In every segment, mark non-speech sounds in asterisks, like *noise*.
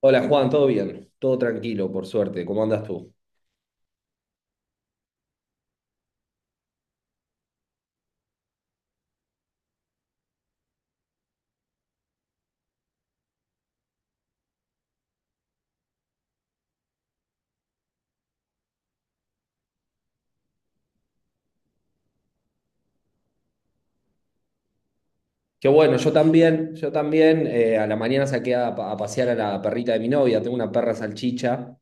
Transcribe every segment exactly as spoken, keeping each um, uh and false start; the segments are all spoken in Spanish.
Hola Juan, ¿todo bien? Todo tranquilo, por suerte. ¿Cómo andas tú? Qué bueno, yo también, yo también. Eh, a la mañana saqué a, pa- a pasear a la perrita de mi novia. Tengo una perra salchicha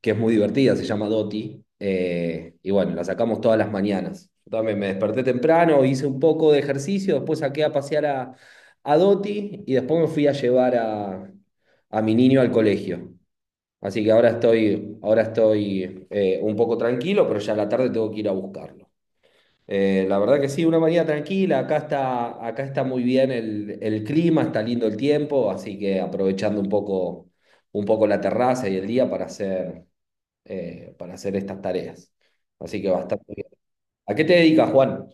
que es muy divertida, se llama Doti. Eh, y bueno, la sacamos todas las mañanas. Yo también me desperté temprano, hice un poco de ejercicio, después saqué a pasear a, a Doti y después me fui a llevar a, a mi niño al colegio. Así que ahora estoy, ahora estoy eh, un poco tranquilo, pero ya a la tarde tengo que ir a buscarlo. Eh, la verdad que sí, una mañana tranquila, acá está, acá está muy bien el, el clima, está lindo el tiempo, así que aprovechando un poco, un poco la terraza y el día para hacer, eh, para hacer estas tareas. Así que bastante bien. ¿A qué te dedicas, Juan?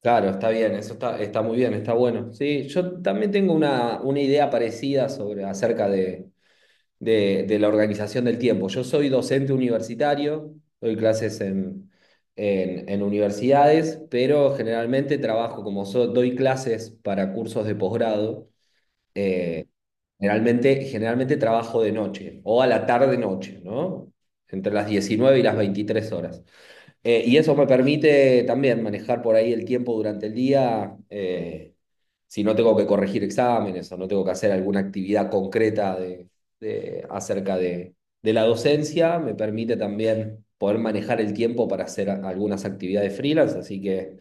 Claro, está bien, eso está, está muy bien, está bueno. Sí, yo también tengo una, una idea parecida sobre, acerca de, de, de la organización del tiempo. Yo soy docente universitario, doy clases en, en, en universidades, pero generalmente trabajo como so- doy clases para cursos de posgrado, eh, generalmente, generalmente trabajo de noche o a la tarde-noche, ¿no? Entre las diecinueve y las veintitrés horas. Eh, y eso me permite también manejar por ahí el tiempo durante el día, eh, si no tengo que corregir exámenes o no tengo que hacer alguna actividad concreta de, de- acerca de, de la docencia, me permite también poder manejar el tiempo para hacer a- algunas actividades freelance. Así que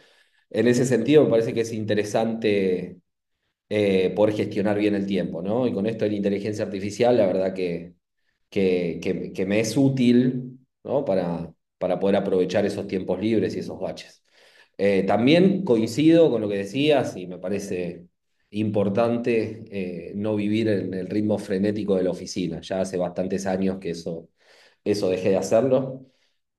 en ese sentido me parece que es interesante eh, poder gestionar bien el tiempo, ¿no? Y con esto de la inteligencia artificial, la verdad que, que, que- que me es útil, ¿no? Para, para poder aprovechar esos tiempos libres y esos baches. Eh, también coincido con lo que decías y me parece importante eh, no vivir en el ritmo frenético de la oficina. Ya hace bastantes años que eso, eso dejé de hacerlo.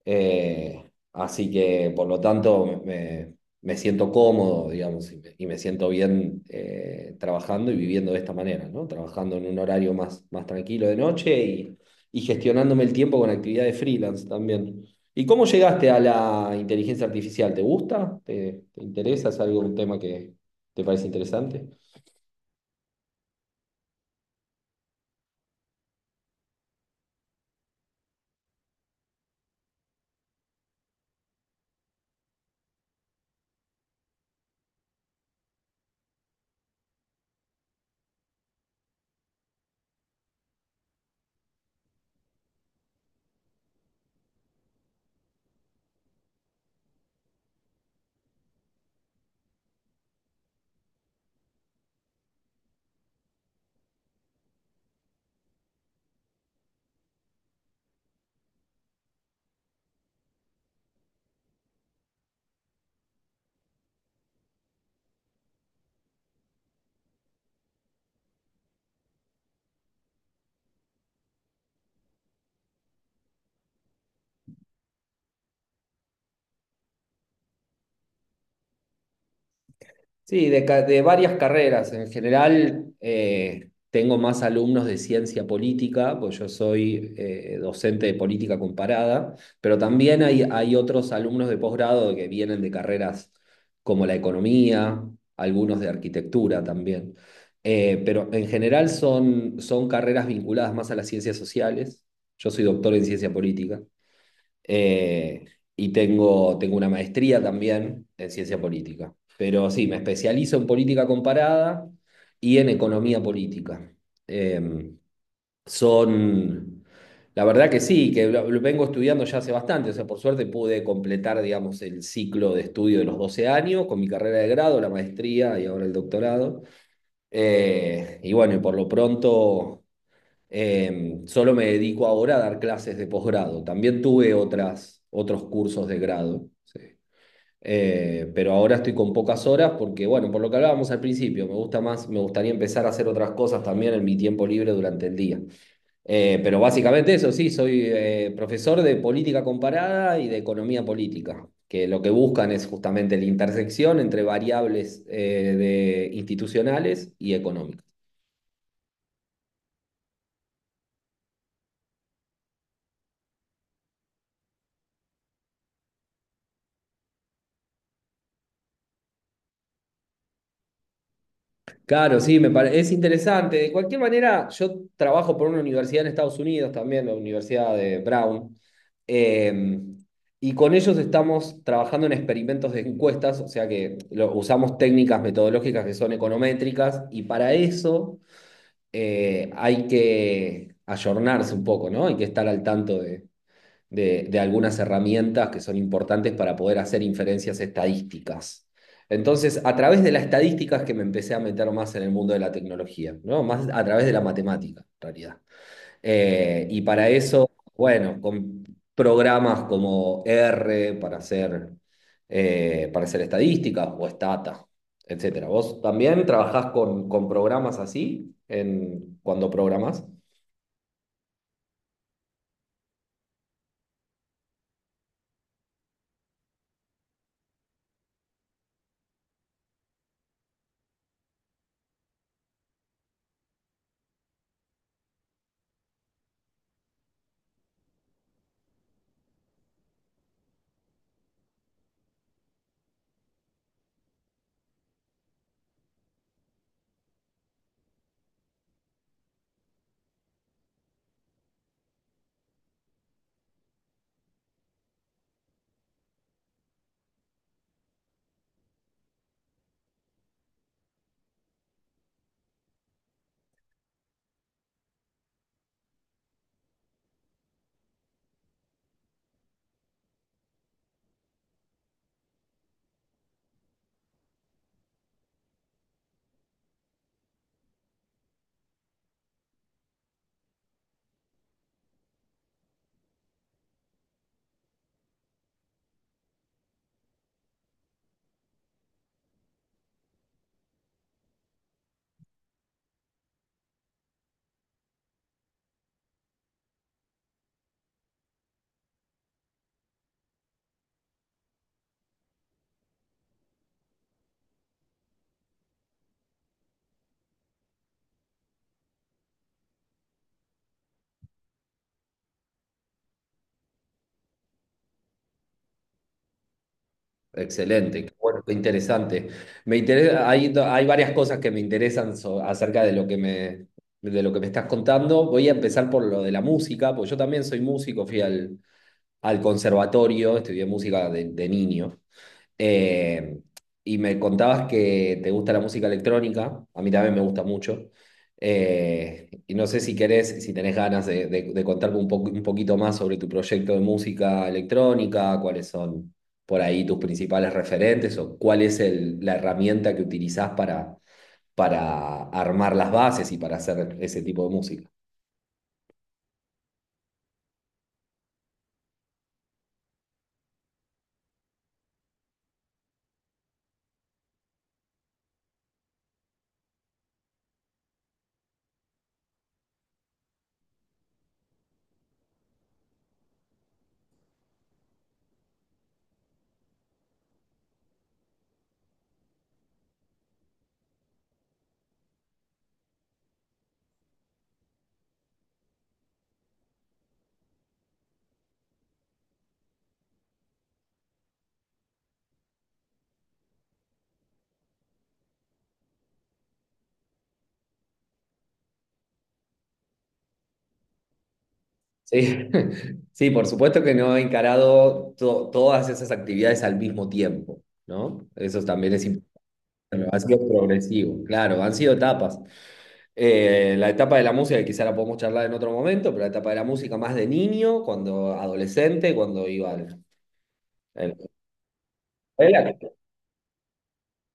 Eh, Así que, por lo tanto, me, me siento cómodo, digamos, y me, y me siento bien eh, trabajando y viviendo de esta manera, ¿no? Trabajando en un horario más, más tranquilo de noche y, y gestionándome el tiempo con actividades freelance también. ¿Y cómo llegaste a la inteligencia artificial? ¿Te gusta? ¿Te, te interesa? ¿Es algo, un tema que te parece interesante? Sí, de, ca- de varias carreras. En general, eh, tengo más alumnos de ciencia política, pues yo soy eh, docente de política comparada, pero también hay, hay otros alumnos de posgrado que vienen de carreras como la economía, algunos de arquitectura también. Eh, pero en general son, son carreras vinculadas más a las ciencias sociales. Yo soy doctor en ciencia política. Eh, y tengo, tengo una maestría también en ciencia política. Pero sí, me especializo en política comparada y en economía política. Eh, Son, la verdad que sí, que lo, lo vengo estudiando ya hace bastante. O sea, por suerte pude completar, digamos, el ciclo de estudio de los doce años con mi carrera de grado, la maestría y ahora el doctorado. Eh, y bueno, y por lo pronto eh, solo me dedico ahora a dar clases de posgrado. También tuve otras, otros cursos de grado, sí. Eh, pero ahora estoy con pocas horas porque, bueno, por lo que hablábamos al principio, me gusta más, me gustaría empezar a hacer otras cosas también en mi tiempo libre durante el día. Eh, pero básicamente eso, sí, soy eh, profesor de política comparada y de economía política, que lo que buscan es justamente la intersección entre variables eh, de institucionales y económicas. Claro, sí, me pare- es interesante. De cualquier manera, yo trabajo por una universidad en Estados Unidos también, la Universidad de Brown, eh, y con ellos estamos trabajando en experimentos de encuestas, o sea que lo- usamos técnicas metodológicas que son econométricas, y para eso eh, hay que ayornarse un poco, ¿no? Hay que estar al tanto de de, de algunas herramientas que son importantes para poder hacer inferencias estadísticas. Entonces, a través de las estadísticas que me empecé a meter más en el mundo de la tecnología, ¿no? Más a través de la matemática, en realidad. Eh, y para eso, bueno, con programas como R para hacer, eh, para hacer estadísticas o Stata, etcétera. ¿Vos también trabajás con, con programas así en, cuando programás? Excelente, qué bueno, qué interesante. Me interesa, hay, do- hay varias cosas que me interesan so- acerca de lo que me, de lo que me estás contando. Voy a empezar por lo de la música, porque yo también soy músico, fui al, al conservatorio, estudié música de, de niño. Eh, y me contabas que te gusta la música electrónica, a mí también me gusta mucho. Eh, y no sé si querés, si tenés ganas de, de- de contarme un, po- un poquito más sobre tu proyecto de música electrónica, cuáles son por ahí tus principales referentes o cuál es el- la herramienta que utilizás para, para armar las bases y para hacer ese tipo de música. Sí, *laughs* sí, por supuesto que no he encarado to- todas esas actividades al mismo tiempo, ¿no? Eso también es bueno, ha sido progresivo, claro, han sido etapas. Eh, la etapa de la música, que quizá la podemos charlar en otro momento, pero la etapa de la música más de niño, cuando adolescente, cuando iba al- a la escuela.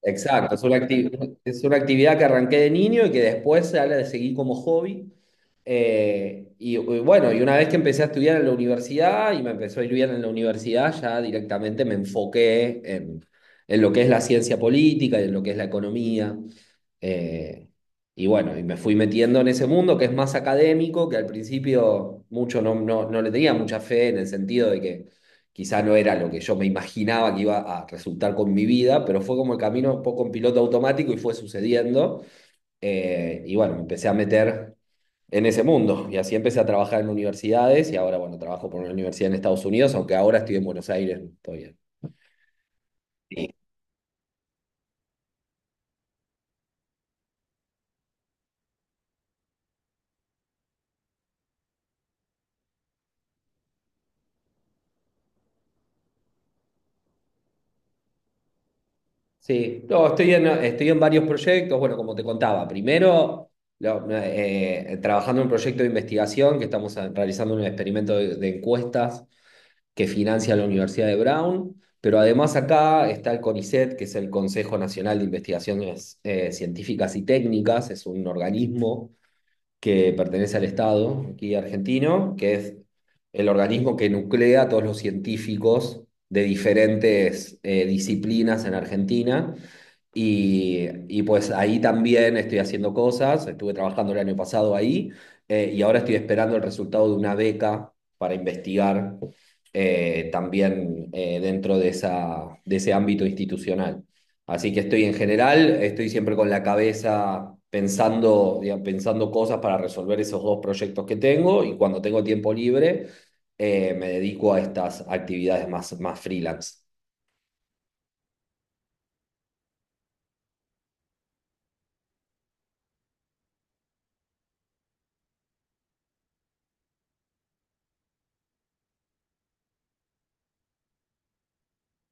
Exacto, es una, acti- es una actividad que arranqué de niño y que después se la seguí como hobby. Eh, y, y bueno, y una vez que empecé a estudiar en la universidad y me empezó a ir bien en la universidad, ya directamente me enfoqué en, en lo que es la ciencia política y en lo que es la economía. Eh, y bueno, y me fui metiendo en ese mundo que es más académico, que al principio mucho no, no, no le tenía mucha fe en el sentido de que quizá no era lo que yo me imaginaba que iba a resultar con mi vida, pero fue como el camino un poco en piloto automático y fue sucediendo. Eh, y bueno, me empecé a meter en ese mundo. Y así empecé a trabajar en universidades y ahora, bueno, trabajo por una universidad en Estados Unidos, aunque ahora estoy en Buenos Aires todavía. Sí, no, estoy en, estoy en varios proyectos, bueno, como te contaba, primero lo- eh, eh, trabajando en un proyecto de investigación que estamos a- realizando un experimento de, de encuestas que financia la Universidad de Brown, pero además acá está el CONICET, que es el Consejo Nacional de Investigaciones eh, Científicas y Técnicas, es un organismo que pertenece al Estado aquí argentino, que es el organismo que nuclea a todos los científicos de diferentes eh, disciplinas en Argentina y, y pues ahí también estoy haciendo cosas, estuve trabajando el año pasado ahí eh, y ahora estoy esperando el resultado de una beca para investigar eh, también eh, dentro de esa, de ese ámbito institucional. Así que estoy en general, estoy siempre con la cabeza pensando, digamos, pensando cosas para resolver esos dos proyectos que tengo y cuando tengo tiempo libre eh, me dedico a estas actividades más, más freelance.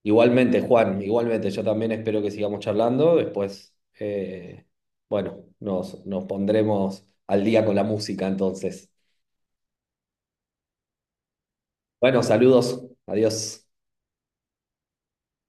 Igualmente, Juan, igualmente, yo también espero que sigamos charlando. Después, eh, bueno, nos, nos pondremos al día con la música entonces. Bueno, saludos, adiós.